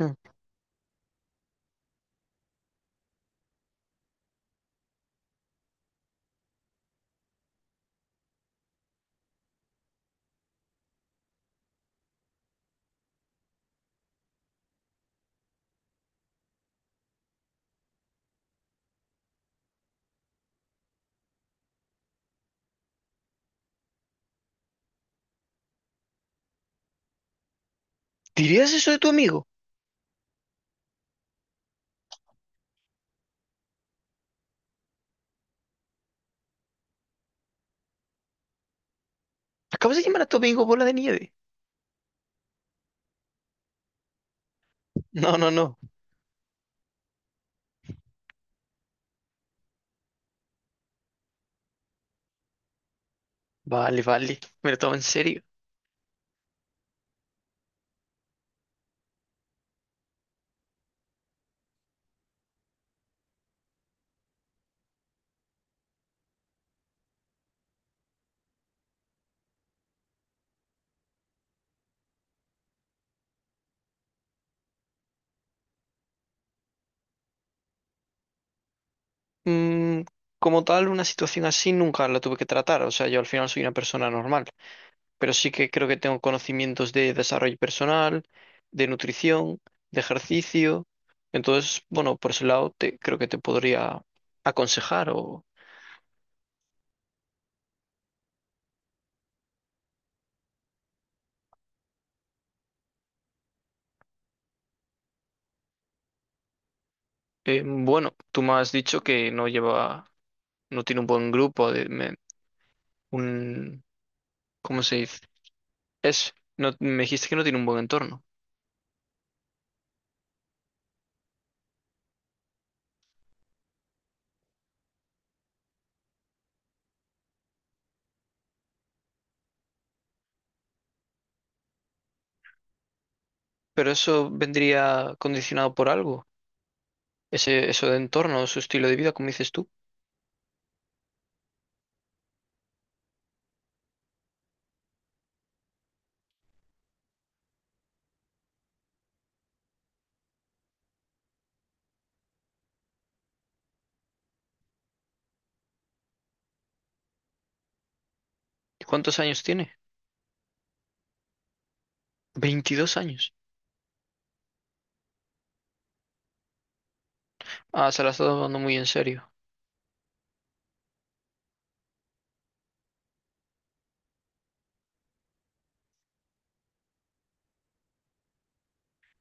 Mm. ¿Dirías eso de tu amigo? Acabas de llamar a tu amigo bola de nieve. No, no, no. Vale, vale. Me lo tomo en serio. Mm, como tal, una situación así nunca la tuve que tratar. O sea, yo al final soy una persona normal. Pero sí que creo que tengo conocimientos de desarrollo personal, de nutrición, de ejercicio. Entonces, bueno, por ese lado creo que te podría aconsejar. Bueno, tú me has dicho que no lleva, no tiene un buen grupo de, un, ¿cómo se dice? No, me dijiste que no tiene un buen entorno, pero eso vendría condicionado por algo, eso de entorno, su estilo de vida, como dices tú. ¿Cuántos años tiene? 22 años. Ah, se la está tomando muy en serio.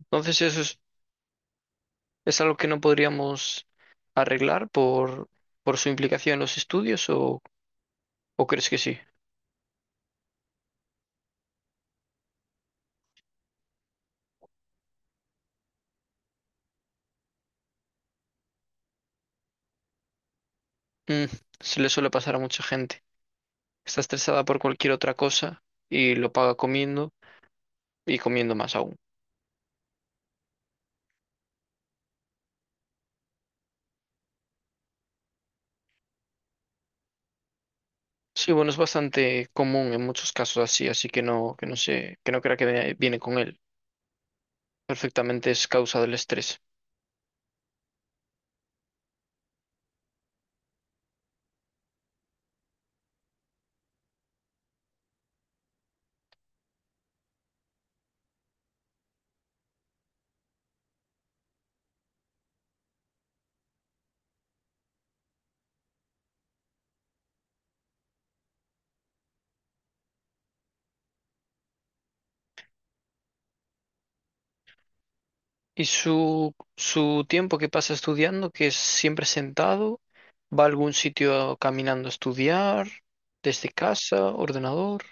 Entonces eso es algo que no podríamos arreglar por su implicación en los estudios o, ¿o crees que sí? Mm, se le suele pasar a mucha gente. Está estresada por cualquier otra cosa y lo paga comiendo y comiendo más aún. Sí, bueno, es bastante común en muchos casos así, así que no sé, que no crea que viene con él. Perfectamente es causa del estrés. ¿Y su tiempo que pasa estudiando, que es siempre sentado? ¿Va a algún sitio caminando a estudiar? ¿Desde casa? ¿Ordenador?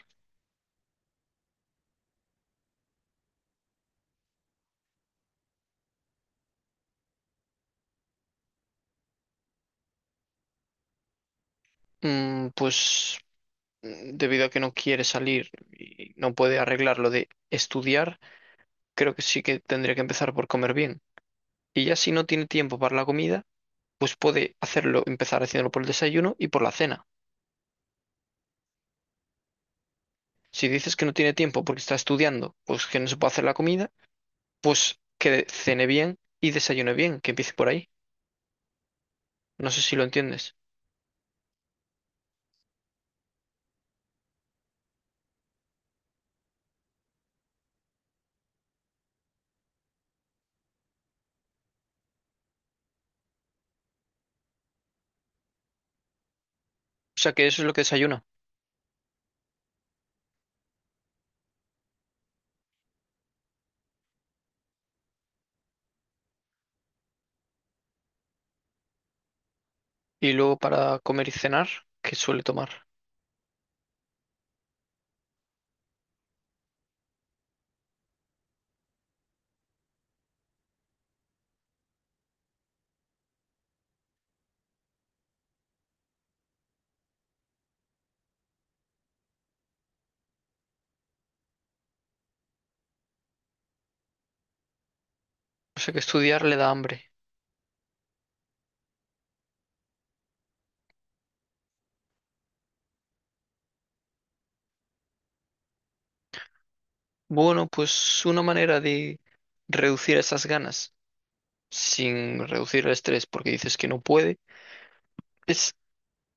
Mm, pues mm, debido a que no quiere salir y no puede arreglar lo de estudiar, creo que sí que tendría que empezar por comer bien. Y ya si no tiene tiempo para la comida, pues puede hacerlo, empezar haciéndolo por el desayuno y por la cena. Si dices que no tiene tiempo porque está estudiando, pues que no se puede hacer la comida, pues que cene bien y desayune bien, que empiece por ahí. No sé si lo entiendes. O sea, que eso es lo que desayuna. Y luego para comer y cenar, ¿qué suele tomar? O sea, que estudiar le da hambre. Bueno, pues una manera de reducir esas ganas sin reducir el estrés porque dices que no puede es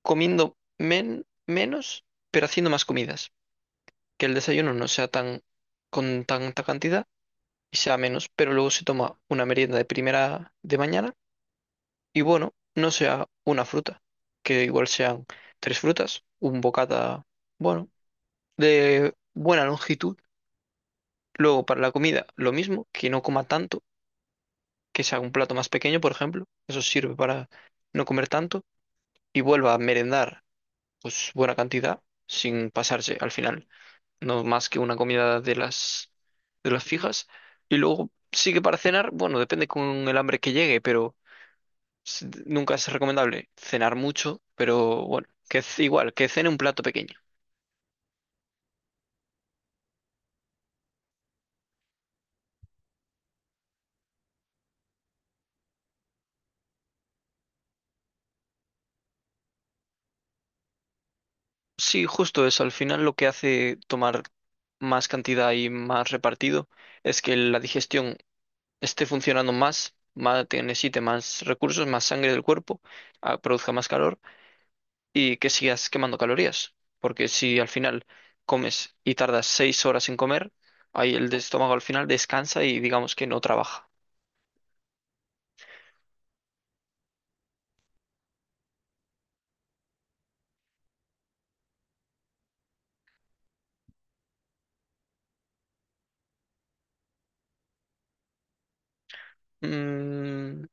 comiendo menos, pero haciendo más comidas. Que el desayuno no sea tan con tanta cantidad y sea menos, pero luego se toma una merienda de primera de mañana y bueno, no sea una fruta, que igual sean tres frutas, un bocata, bueno, de buena longitud. Luego para la comida, lo mismo, que no coma tanto, que sea un plato más pequeño, por ejemplo, eso sirve para no comer tanto y vuelva a merendar pues buena cantidad sin pasarse al final. No más que una comida de las fijas. Y luego sí que para cenar, bueno, depende con el hambre que llegue, pero nunca es recomendable cenar mucho, pero bueno, que igual, que cene un plato pequeño. Sí, justo eso, al final lo que hace tomar más cantidad y más repartido es que la digestión esté funcionando más, más necesite más recursos, más sangre del cuerpo, produzca más calor y que sigas quemando calorías. Porque si al final comes y tardas 6 horas en comer, ahí el estómago al final descansa y digamos que no trabaja. Mm,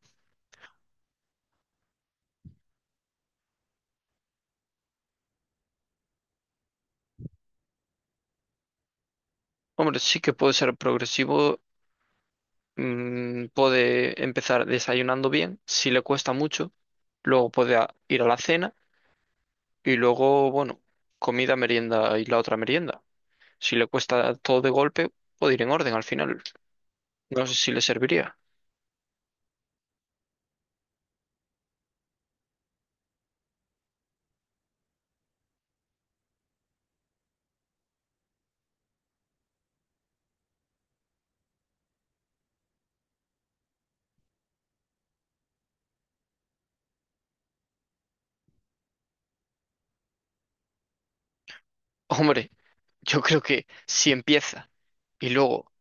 hombre, sí que puede ser progresivo. Mm, puede empezar desayunando bien, si le cuesta mucho, luego puede ir a la cena y luego, bueno, comida, merienda y la otra merienda. Si le cuesta todo de golpe, puede ir en orden al final. No sé si le serviría. Hombre, yo creo que si empieza y luego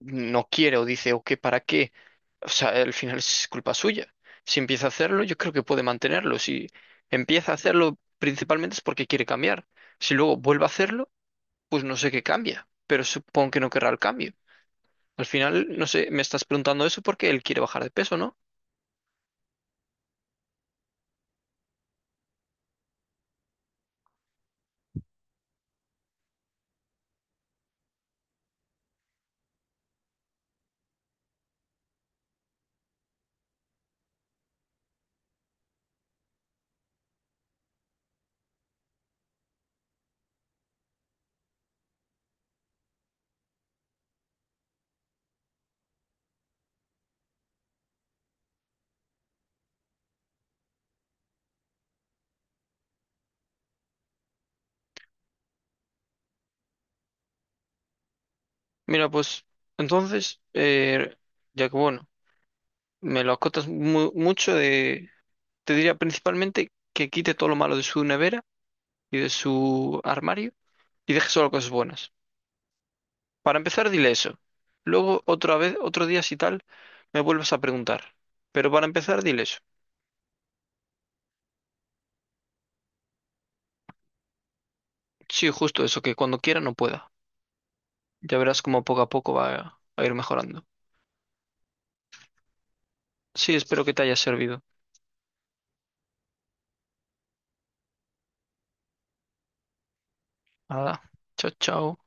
no quiere o dice, o qué, ¿para qué? O sea, al final es culpa suya. Si empieza a hacerlo, yo creo que puede mantenerlo. Si empieza a hacerlo, principalmente es porque quiere cambiar. Si luego vuelve a hacerlo, pues no sé qué cambia, pero supongo que no querrá el cambio. Al final, no sé, me estás preguntando eso porque él quiere bajar de peso, ¿no? Mira, pues entonces, ya que bueno, me lo acotas mucho, de, te diría principalmente que quite todo lo malo de su nevera y de su armario y deje solo cosas buenas. Para empezar, dile eso. Luego, otra vez, otro día, si tal, me vuelves a preguntar. Pero para empezar, dile eso. Sí, justo eso, que cuando quiera no pueda. Ya verás cómo poco a poco va a ir mejorando. Sí, espero que te haya servido. Nada. Chao, chao.